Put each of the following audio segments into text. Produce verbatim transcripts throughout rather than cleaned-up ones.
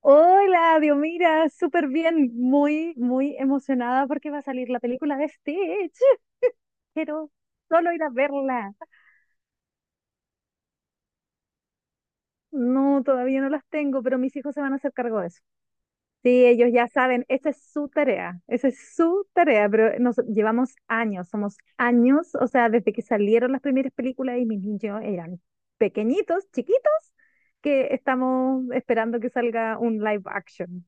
Hola, Dios, mira, súper bien, muy, muy emocionada porque va a salir la película de Stitch. Quiero solo ir a verla. No, todavía no las tengo, pero mis hijos se van a hacer cargo de eso. Sí, ellos ya saben, esa es su tarea, esa es su tarea, pero nos llevamos años, somos años, o sea, desde que salieron las primeras películas y mis niños eran pequeñitos, chiquitos, que estamos esperando que salga un live action.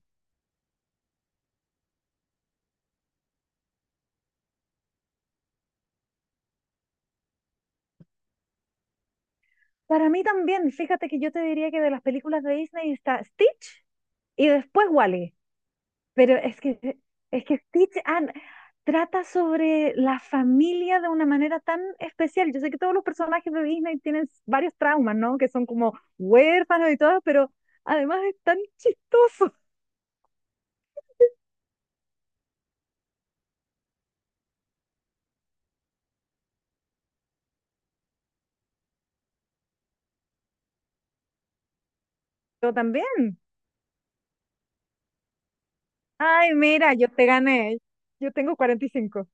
Para mí también, fíjate que yo te diría que de las películas de Disney está Stitch y después Wally. Pero es que, es que Stitch ah, trata sobre la familia de una manera tan especial. Yo sé que todos los personajes de Disney tienen varios traumas, ¿no? Que son como huérfanos y todo, pero además es tan chistoso. Yo también. Ay, mira, yo te gané. Yo tengo cuarenta y cinco.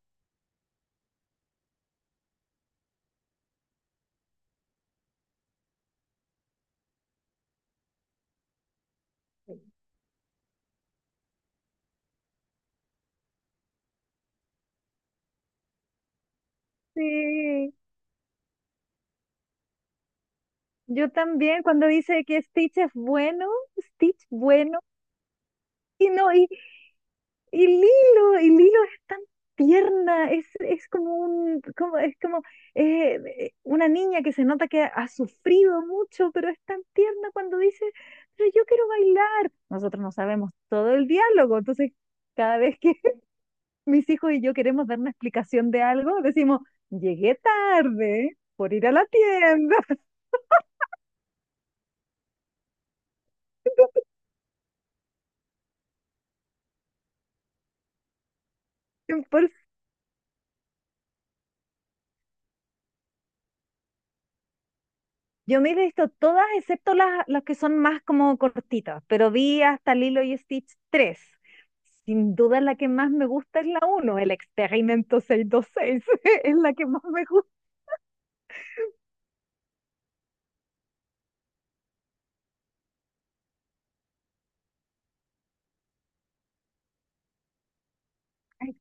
Sí, yo también. Cuando dice que Stitch es bueno, Stitch bueno. Y no, y Y Lilo, y Lilo es tan tierna, es, es como un, como, es como eh, eh, una niña que se nota que ha sufrido mucho, pero es tan tierna cuando dice, pero yo quiero bailar. Nosotros no sabemos todo el diálogo, entonces cada vez que mis hijos y yo queremos dar una explicación de algo, decimos, llegué tarde por ir a la tienda. Por Yo me he visto todas, excepto las, las que son más como cortitas, pero vi hasta Lilo y Stitch tres. Sin duda la que más me gusta es la uno, el experimento seis dos seis, es la que más me gusta. Ay,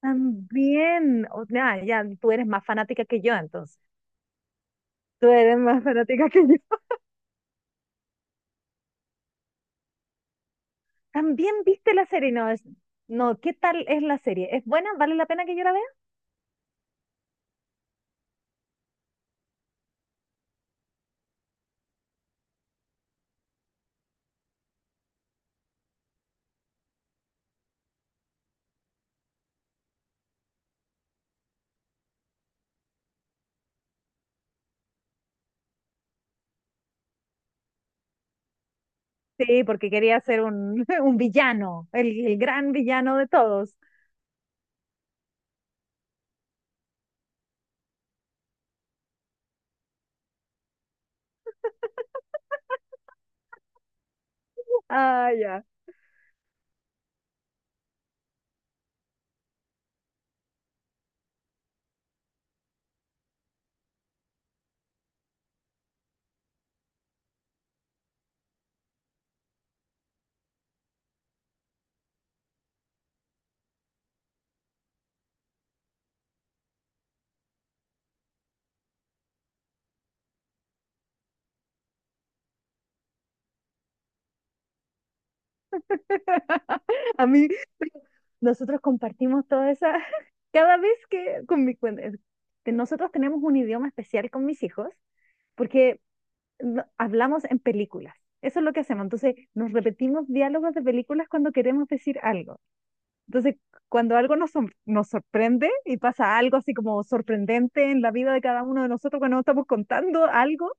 también, o sea, ya, tú eres más fanática que yo, entonces. Tú eres más fanática que yo. También viste la serie, no, es- no, ¿qué tal es la serie? ¿Es buena? ¿Vale la pena que yo la vea? Sí, porque quería ser un, un villano, el, el gran villano de todos. Ah, ya. A mí, nosotros compartimos toda esa, cada vez que con mi, con- eh, nosotros tenemos un idioma especial con mis hijos, porque no- hablamos en películas. Eso es lo que hacemos. Entonces, nos repetimos diálogos de películas cuando queremos decir algo. Entonces, cuando algo nos, sor- nos sorprende y pasa algo así como sorprendente en la vida de cada uno de nosotros cuando estamos contando algo,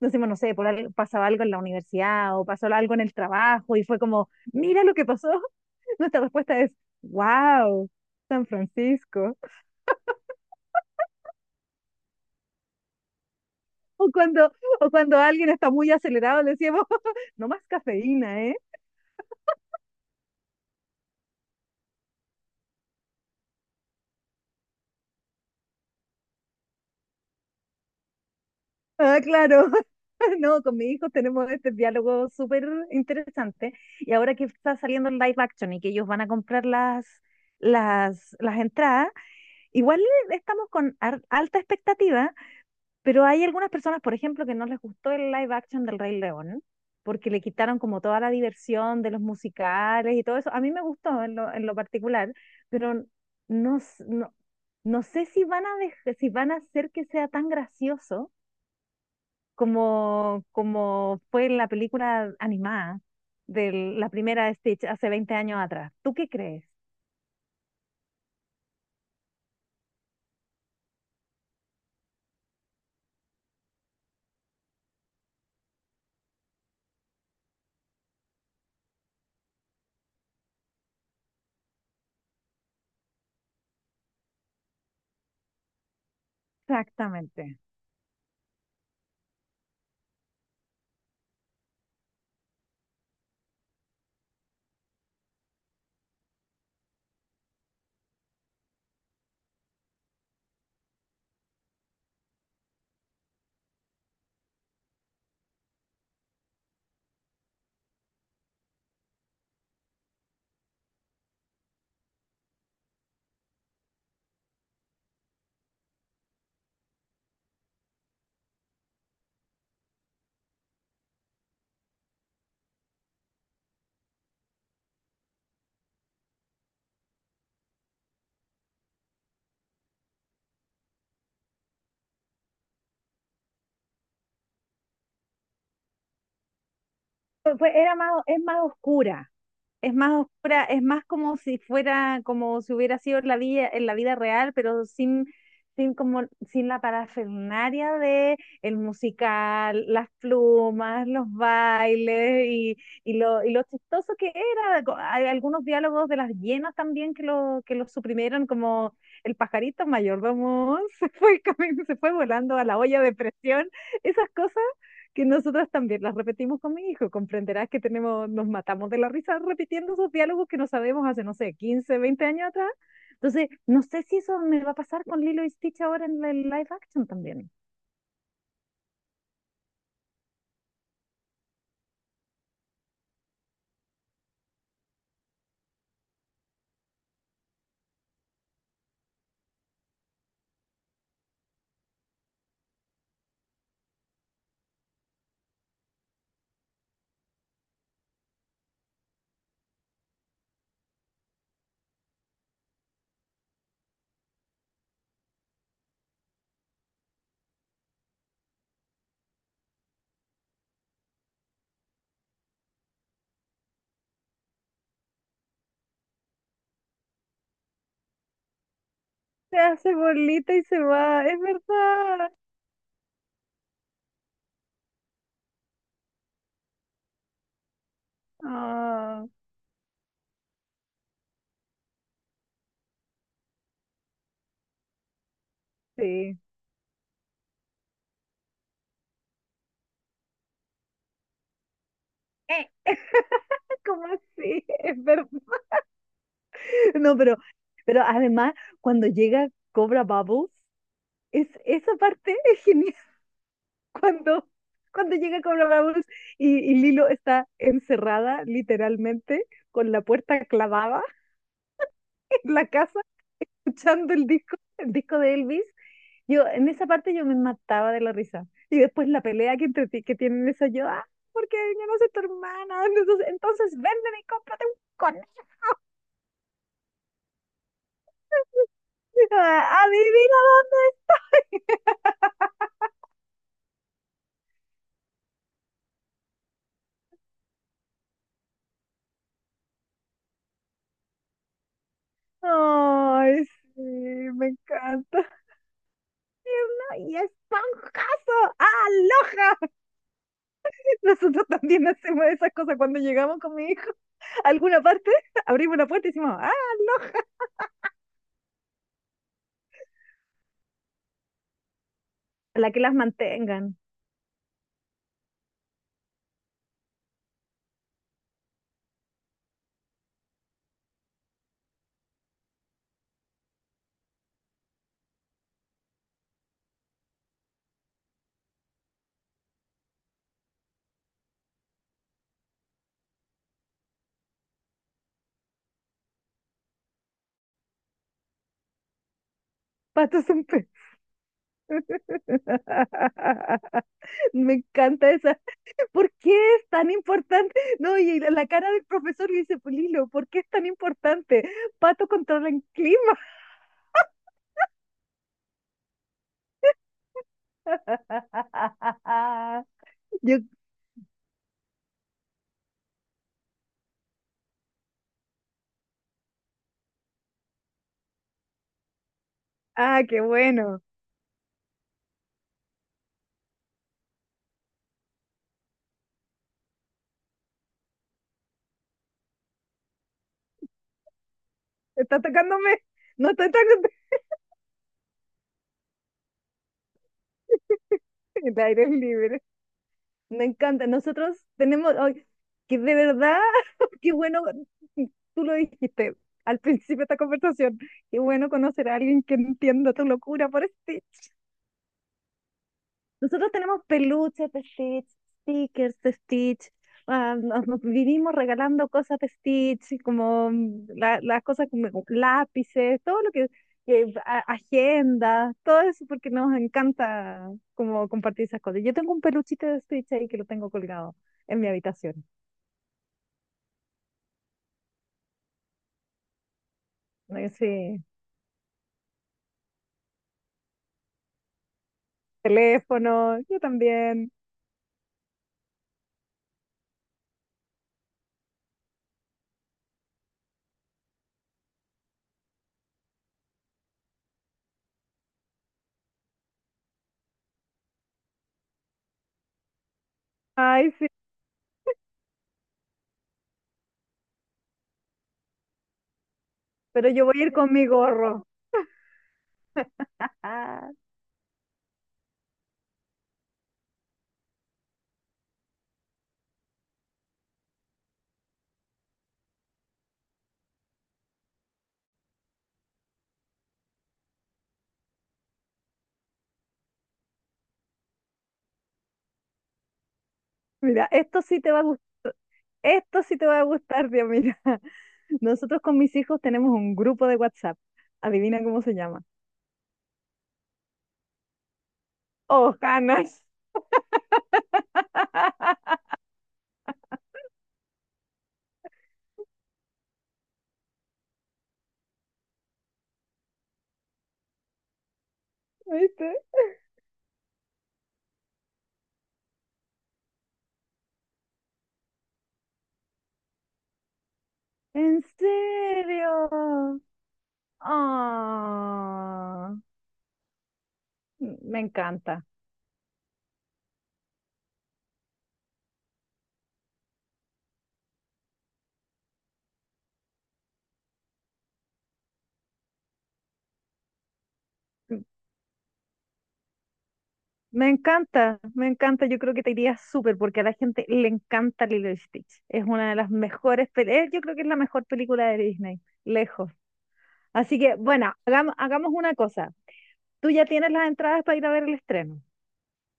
decimos, no sé, por algo, pasaba algo en la universidad o pasó algo en el trabajo y fue como, mira lo que pasó. Nuestra respuesta es, wow, San Francisco. O cuando, o cuando alguien está muy acelerado, le decimos, no más cafeína, ¿eh? Ah, claro. No, con mis hijos tenemos este diálogo súper interesante. Y ahora que está saliendo el live action y que ellos van a comprar las, las, las entradas, igual estamos con ar- alta expectativa. Pero hay algunas personas, por ejemplo, que no les gustó el live action del Rey León, porque le quitaron como toda la diversión de los musicales y todo eso. A mí me gustó en lo, en lo particular, pero no, s- no, no sé si van a dej- si van a hacer que sea tan gracioso como, como fue en la película animada de la primera de Stitch hace veinte años atrás. ¿Tú qué crees? Exactamente. Fue- fue- era más, es más oscura. Es más oscura, es más como si fuera, como si hubiera sido en la vida, en la vida real, pero sin, sin como, sin la parafernalia de el musical, las plumas, los bailes y, y lo, y lo chistoso que era. Co- Hay algunos diálogos de las hienas también que lo, que lo suprimieron, como el pajarito mayordomo se fue, cami- se fue volando a la olla de presión, esas cosas que nosotras también las repetimos con mi hijo. Comprenderás que tenemos, nos matamos de la risa repitiendo esos diálogos que no sabemos hace, no sé, quince veinte años atrás. Entonces, no sé si eso me va a pasar con Lilo y Stitch ahora en el live action también. Se hace bolita y se va, es verdad. Ah, sí. Eh, ¿Cómo así? Es verdad. No, pero, pero además, cuando llega Cobra Bubbles, es, esa parte es genial. cuando, cuando llega Cobra Vamos y, y Lilo está encerrada literalmente con la puerta clavada en la casa, escuchando el disco, el disco de Elvis. Yo, en esa parte yo me mataba de la risa. Y después la pelea que, entre, ti que tienen eso, yo, ah, porque yo no soy tu hermana. Entonces, entonces véndeme y cómprate un conejo. Ah, adivina. Ay, sí, me encanta. No, y esponjoso. ¡Aloja! Nosotros también hacemos esas cosas cuando llegamos con mi hijo a alguna parte, abrimos la puerta y decimos, ah, la que las mantengan. Patos un pez. Me encanta esa. ¿Por qué es tan importante? No, y la la cara del profesor le dice, Pulilo, ¿por qué es tan importante? Pato controla el clima. Yo, ah, qué bueno. Está atacándome. No está atacando el aire es libre. Me encanta. Nosotros tenemos, ay, que de verdad, qué bueno, tú lo dijiste al principio de esta conversación, qué bueno conocer a alguien que entienda tu locura por ti. Nosotros tenemos peluches de Stitch, stickers de Stitch, ah, nos, nos vivimos regalando cosas de Stitch, como mm, la- las cosas como como lápices, todo lo que, que a- agenda, todo eso porque nos encanta como compartir esas cosas. Yo tengo un peluchito de Stitch ahí que lo tengo colgado en mi habitación. Ay, sí, teléfono, yo también. Ay, sí, pero yo voy a ir con mi gorro. Ah, mira, esto sí te va a gustar, esto sí te va a gustar, Dios mío. Nosotros con mis hijos tenemos un grupo de WhatsApp. Adivina cómo se llama. Ojanas. ¿Viste? ¿En serio? Ah, me encanta. Me encanta, me encanta. Yo creo que te iría súper porque a la gente le encanta Lilo y Stitch. Es una de las mejores, pel- eh, yo creo que es la mejor película de Disney, lejos. Así que, bueno, hagam- hagamos una cosa. Tú ya tienes las entradas para ir a ver el estreno.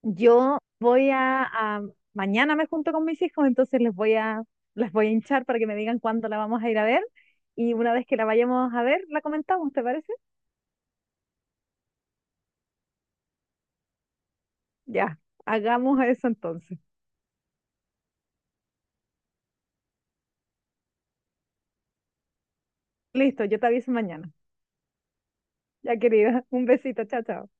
Yo voy a, a- mañana me junto con mis hijos, entonces les voy a, les voy a hinchar para que me digan cuándo la vamos a ir a ver y una vez que la vayamos a ver, la comentamos, ¿te parece? Ya, hagamos eso entonces. Listo, yo te aviso mañana. Ya querida, un besito, chao, chao.